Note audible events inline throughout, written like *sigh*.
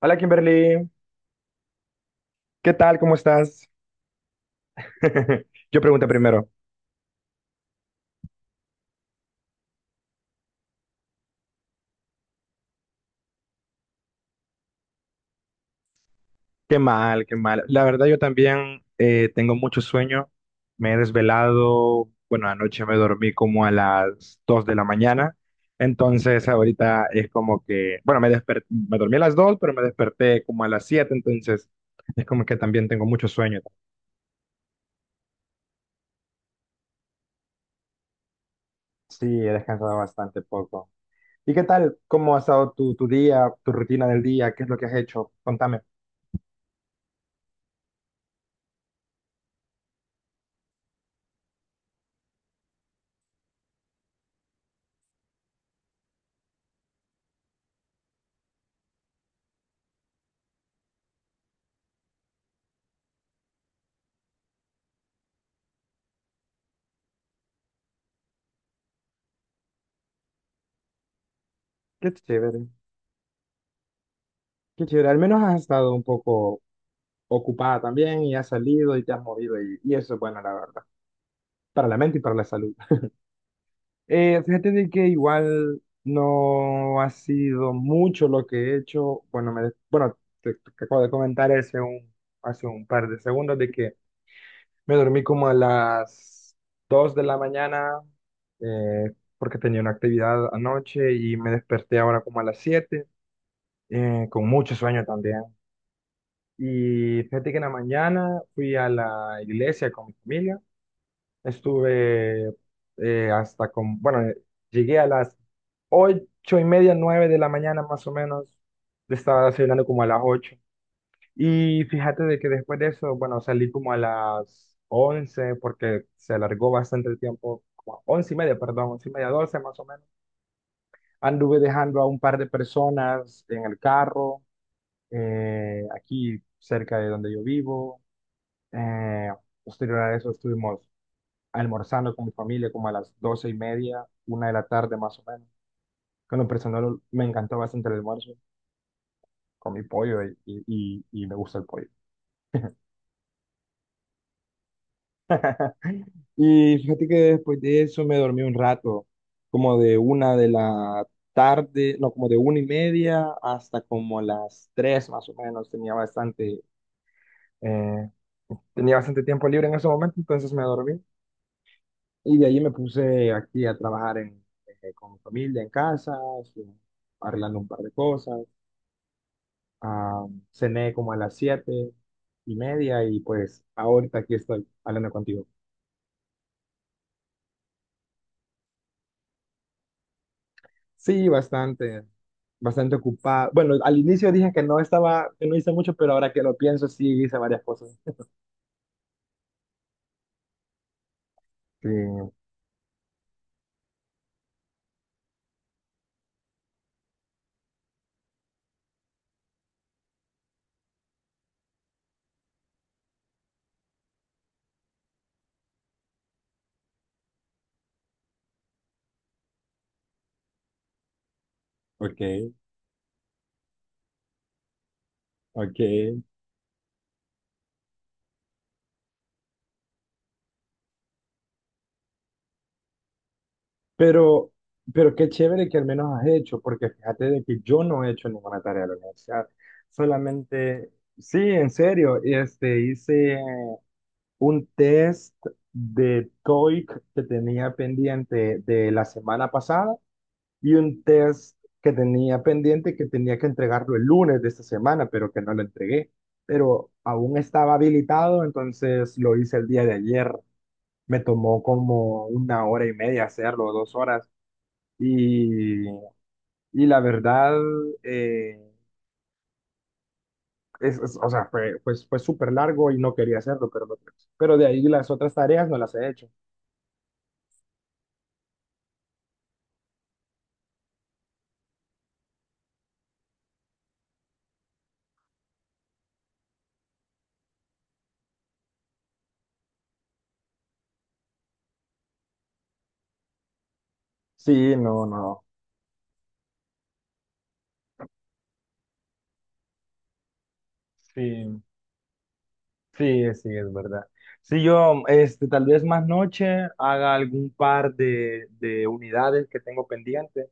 Hola Kimberly, ¿qué tal? ¿Cómo estás? *laughs* Yo pregunto primero, qué mal, qué mal. La verdad yo también tengo mucho sueño. Me he desvelado, bueno, anoche me dormí como a las 2 de la mañana, entonces ahorita es como que, bueno, me desperté, me dormí a las 2, pero me desperté como a las 7. Entonces es como que también tengo mucho sueño. Sí, he descansado bastante poco. ¿Y qué tal? ¿Cómo ha estado tu día, tu rutina del día? ¿Qué es lo que has hecho? Contame. Qué chévere. Qué chévere, al menos has estado un poco ocupada también y has salido y te has movido y eso es bueno, la verdad, para la mente y para la salud. Fíjate de que igual no ha sido mucho lo que he hecho. Bueno, me, bueno, te acabo de comentar hace un par de segundos de que me dormí como a las 2 de la mañana, eh, porque tenía una actividad anoche y me desperté ahora como a las siete, con mucho sueño también. Y fíjate que en la mañana fui a la iglesia con mi familia. Estuve, hasta con, bueno, llegué a las ocho y media, nueve de la mañana más o menos. Estaba desayunando como a las ocho. Y fíjate de que después de eso, bueno, salí como a las once porque se alargó bastante el tiempo, como a once y media, perdón, once y media, doce más o menos. Anduve dejando a un par de personas en el carro, aquí cerca de donde yo vivo. Eh, Posterior a eso estuvimos almorzando con mi familia como a las doce y media, una de la tarde más o menos. Que en lo personal me encantó bastante el almuerzo, con mi pollo y, y me gusta el pollo. Y fíjate que después de eso me dormí un rato, como de una de la tarde, no, como de una y media hasta como las tres más o menos. Eh, tenía bastante tiempo libre en ese momento, entonces me dormí. Y de ahí me puse aquí a trabajar en, con mi familia en casa, su- arreglando un par de cosas. Ah, cené como a las siete y media y pues ahorita aquí estoy hablando contigo. Sí, bastante, bastante ocupado. Bueno, al inicio dije que no estaba, que no hice mucho, pero ahora que lo pienso, sí hice varias cosas. Sí, ok, ok. Pero, pero qué chévere que al menos has hecho, porque fíjate de que yo no he hecho ninguna tarea de la universidad. Solamente, sí, en serio, este, hice un test de TOEIC que tenía pendiente de la semana pasada y un test que tenía pendiente que tenía que entregarlo el lunes de esta semana, pero que no lo entregué. Pero aún estaba habilitado, entonces lo hice el día de ayer. Me tomó como una hora y media hacerlo, dos horas y, y la verdad, eh, es, o sea, fue, pues, fue súper largo y no quería hacerlo, pero, pero de ahí las otras tareas no las he hecho. Sí, no, no. Sí, sí, sí, es verdad. Sí, yo, este, tal vez más noche haga algún par de unidades que tengo pendientes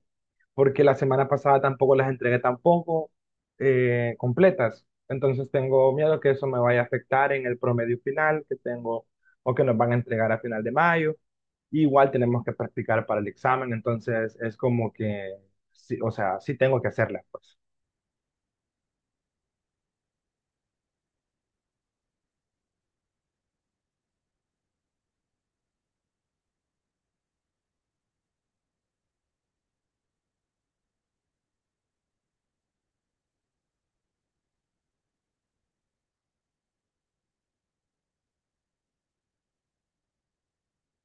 porque la semana pasada tampoco las entregué tampoco, completas. Entonces tengo miedo que eso me vaya a afectar en el promedio final que tengo o que nos van a entregar a final de mayo. Igual tenemos que practicar para el examen, entonces es como que, sí, o sea, sí tengo que hacerla, pues.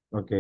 Ok,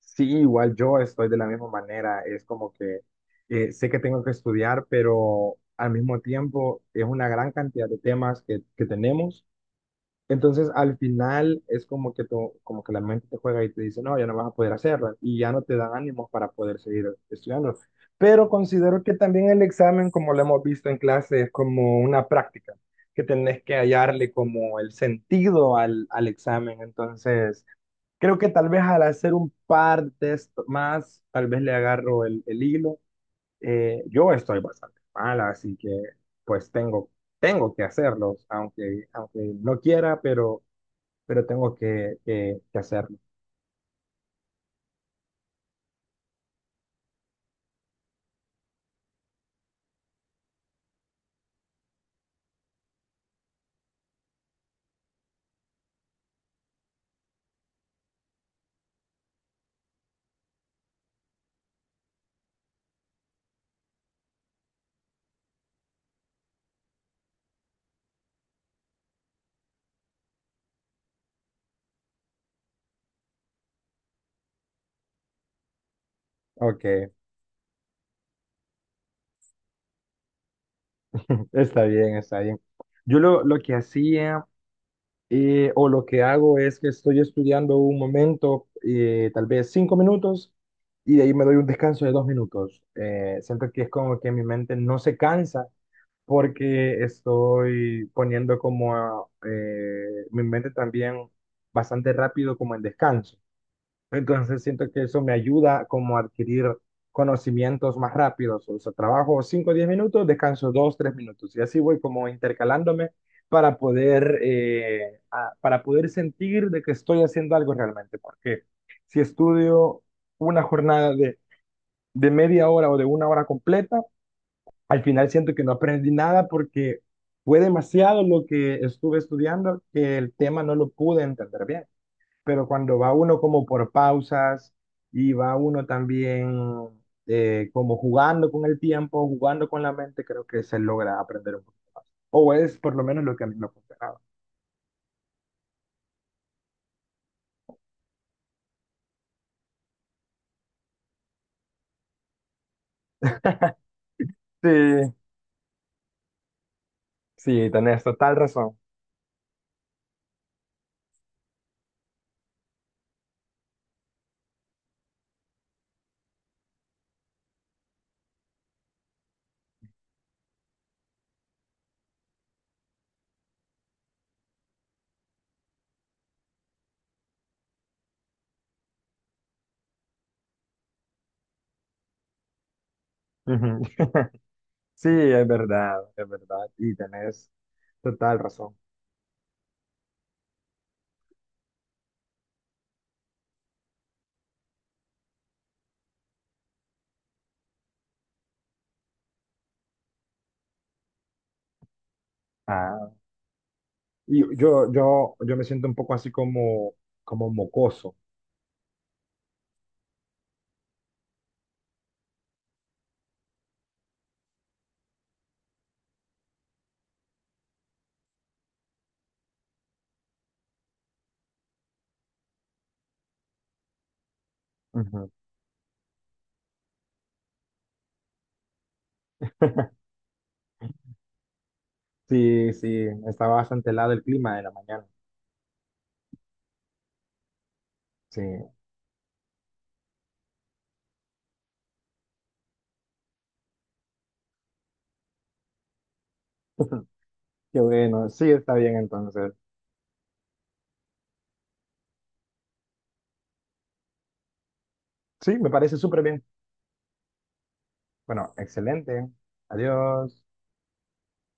sí, igual yo estoy de la misma manera, es como que sé que tengo que estudiar, pero al mismo tiempo es una gran cantidad de temas que tenemos. Entonces, al final es como que, como que la mente te juega y te dice, no, ya no vas a poder hacerlo y ya no te dan ánimos para poder seguir estudiando. Pero considero que también el examen, como lo hemos visto en clase, es como una práctica, que tenés que hallarle como el sentido al, al examen. Entonces, creo que tal vez al hacer un par de esto más, tal vez le agarro el hilo. Yo estoy bastante mala, así que pues tengo, tengo que hacerlos, aunque, aunque no quiera, pero tengo que, que hacerlo. Ok, está bien, está bien. Yo lo que hacía, o lo que hago es que estoy estudiando un momento, tal vez cinco minutos, y de ahí me doy un descanso de dos minutos. Siento que es como que mi mente no se cansa porque estoy poniendo como mi mente también bastante rápido como en descanso. Entonces siento que eso me ayuda como a adquirir conocimientos más rápidos. O sea, trabajo 5 o 10 minutos, descanso 2, 3 minutos. Y así voy como intercalándome para poder, para poder sentir de que estoy haciendo algo realmente. Porque si estudio una jornada de media hora o de una hora completa, al final siento que no aprendí nada porque fue demasiado lo que estuve estudiando que el tema no lo pude entender bien, pero cuando va uno como por pausas y va uno también, como jugando con el tiempo, jugando con la mente, creo que se logra aprender un poquito más. O es por lo menos lo que a mí me funcionaba. *laughs* Sí, sí, tenés total razón. Ujú. Sí, es verdad, es verdad. Y tenés total razón. Ah, y yo me siento un poco así como, como mocoso. Ujú. *laughs* Sí, sí, está bastante helado el clima de la mañana. Sí. *laughs* Qué bueno, sí, está bien entonces. Sí, me parece súper bien. Bueno, excelente. Adiós.